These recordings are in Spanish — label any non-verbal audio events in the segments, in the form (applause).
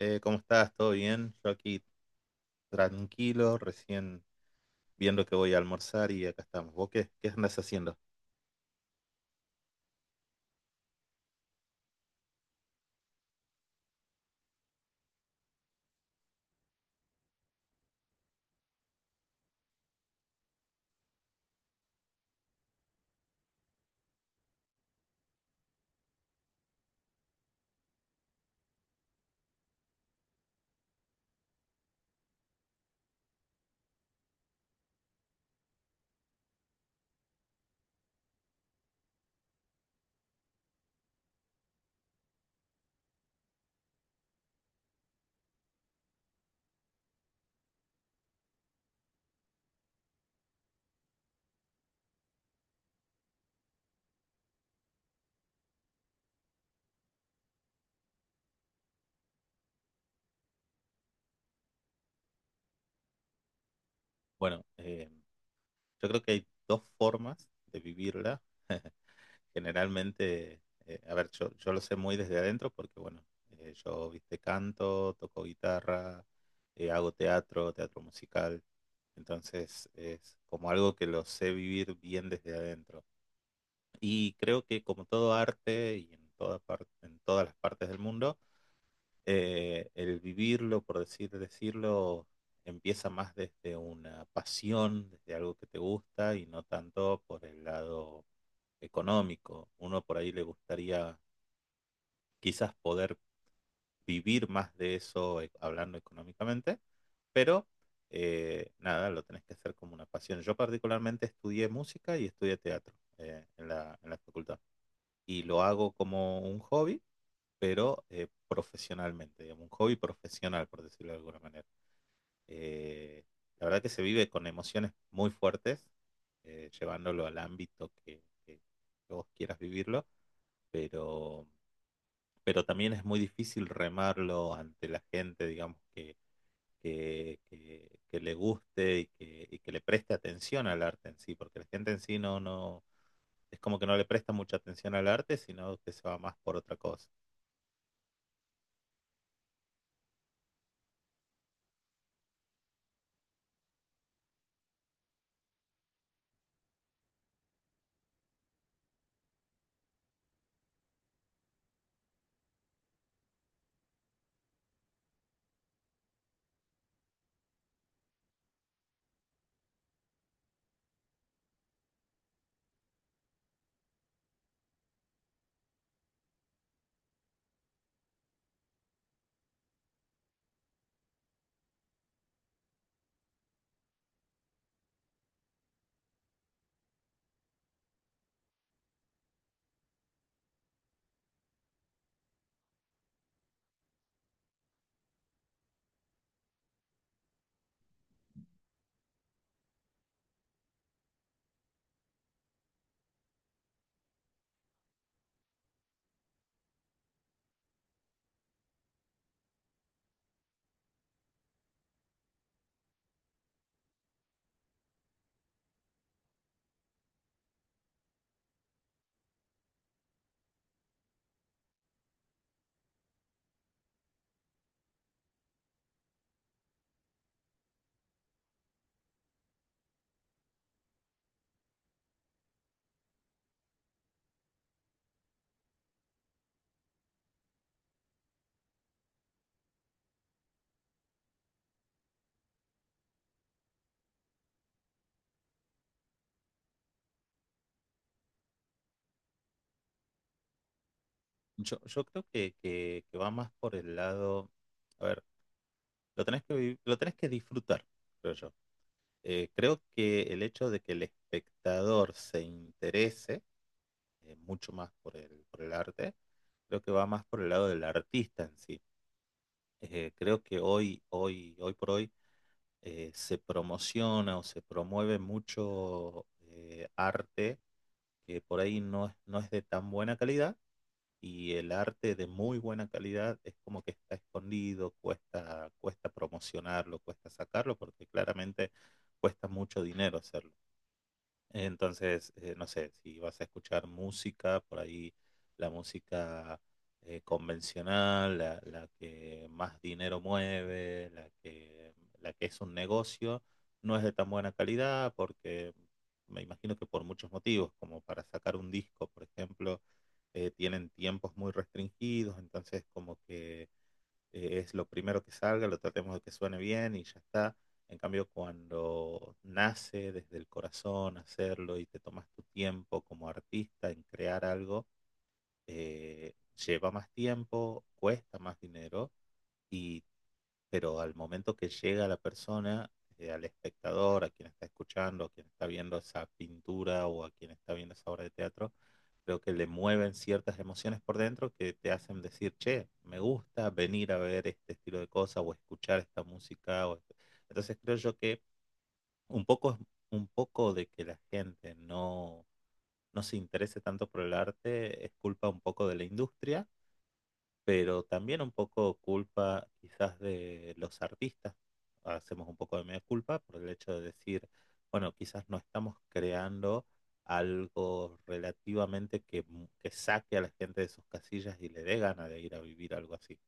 ¿Cómo estás? ¿Todo bien? Yo aquí tranquilo, recién viendo que voy a almorzar y acá estamos. ¿Vos qué andas haciendo? Bueno, yo creo que hay dos formas de vivirla. (laughs) Generalmente, a ver, yo lo sé muy desde adentro porque, bueno, yo, viste, canto, toco guitarra, hago teatro, teatro musical. Entonces, es como algo que lo sé vivir bien desde adentro. Y creo que como todo arte y en en todas las partes del mundo, el vivirlo, por decirlo, empieza más desde una pasión, desde algo que te gusta y no tanto por el lado económico. Uno por ahí le gustaría quizás poder vivir más de eso, hablando económicamente, pero nada, lo tenés que hacer como una pasión. Yo particularmente estudié música y estudié teatro en la facultad y lo hago como un hobby pero profesionalmente, digamos, un hobby profesional, por decirlo de alguna manera. Eh, la verdad que se vive con emociones muy fuertes, llevándolo al ámbito que vos quieras vivirlo, pero, pero también es muy difícil remarlo ante la gente, digamos, que que le guste y que le preste atención al arte en sí, porque la gente en sí no, es como que no le presta mucha atención al arte, sino que se va más por otra cosa. Yo creo que va más por el lado, a ver, lo tenés lo tenés que disfrutar, creo yo. Creo que el hecho de que el espectador se interese mucho más por por el arte, creo que va más por el lado del artista en sí. Creo que hoy por hoy se promociona o se promueve mucho arte que por ahí no es de tan buena calidad y el arte de muy buena calidad es como que está escondido, cuesta promocionarlo, cuesta sacarlo, porque claramente cuesta mucho dinero hacerlo. Entonces, no sé, si vas a escuchar música, por ahí la música convencional, la que más dinero mueve, la que es un negocio, no es de tan buena calidad porque me imagino que por muchos motivos, como para sacar un disco, por ejemplo, tienen tiempos muy restringidos, entonces como que es lo primero que salga, lo tratemos de que suene bien y ya está. En cambio, cuando nace desde el corazón hacerlo y te tomas tu tiempo como artista en crear algo, eh, lleva más tiempo, cuesta más dinero y pero al momento que llega la persona, al espectador, a quien está escuchando, a quien está viendo esa pintura o a quien está viendo esa obra de teatro, creo que le mueven ciertas emociones por dentro que te hacen decir, che, me gusta venir a ver este estilo de cosas o escuchar esta música. O este". Entonces creo yo que un un poco de que la gente no se interese tanto por el arte es culpa un poco de la industria pero también un poco culpa quizás de los artistas. Hacemos un poco de media culpa por el hecho de decir, bueno, quizás no estamos creando algo relativamente que, que saque a la gente de sus casillas y le dé ganas de ir a vivir algo así.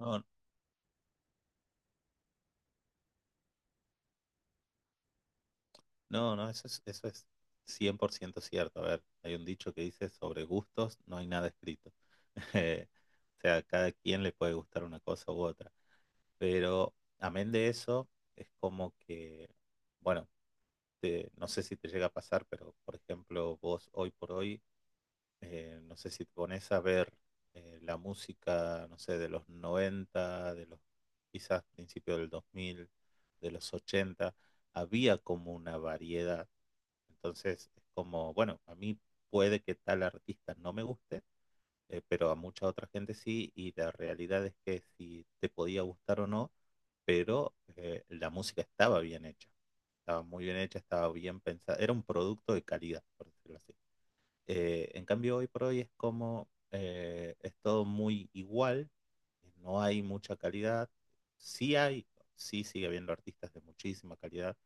No, no, no, eso eso es 100% cierto. A ver, hay un dicho que dice, sobre gustos no hay nada escrito. (laughs) Eh, o sea, a cada quien le puede gustar una cosa u otra. Pero amén de eso, es como que, bueno, no sé si te llega a pasar, pero por ejemplo, vos hoy por hoy, no sé si te pones a ver la música, no sé, de los 90 de los quizás principio del 2000 de los 80 había como una variedad. Entonces, es como, bueno, a mí puede que tal artista no me guste, pero a mucha otra gente sí, y la realidad es que si te podía gustar o no, pero la música estaba bien hecha, estaba muy bien hecha, estaba bien pensada, era un producto de calidad, por decirlo así. En cambio, hoy por hoy es como, es todo muy igual, no hay mucha calidad, sí hay, sí sigue habiendo artistas de muchísima calidad,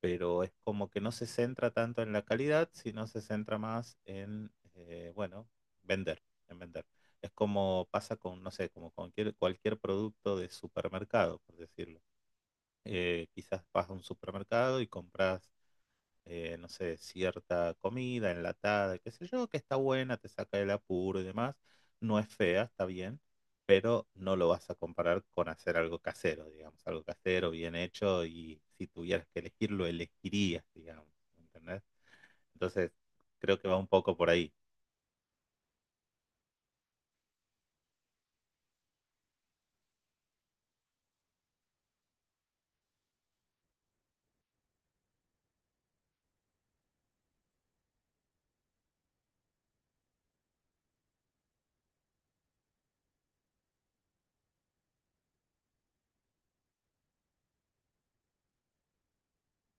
pero es como que no se centra tanto en la calidad, sino se centra más en, bueno, vender, en vender. Es como pasa con, no sé, como con cualquier producto de supermercado, por decirlo. Quizás vas a un supermercado y compras no sé, cierta comida enlatada, qué sé yo, que está buena, te saca del apuro y demás. No es fea, está bien, pero no lo vas a comparar con hacer algo casero, digamos, algo casero, bien hecho, y si tuvieras que elegirlo, elegirías, digamos, ¿entendés? Entonces, creo que va un poco por ahí.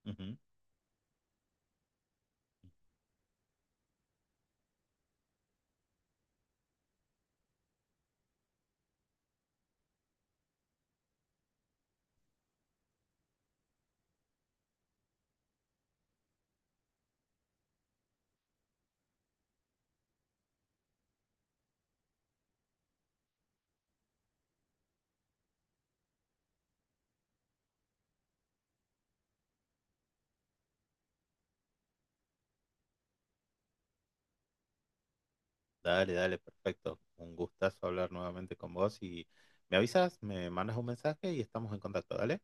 Ujú. Dale, dale, perfecto. Un gustazo hablar nuevamente con vos y me avisas, me mandas un mensaje y estamos en contacto, ¿dale?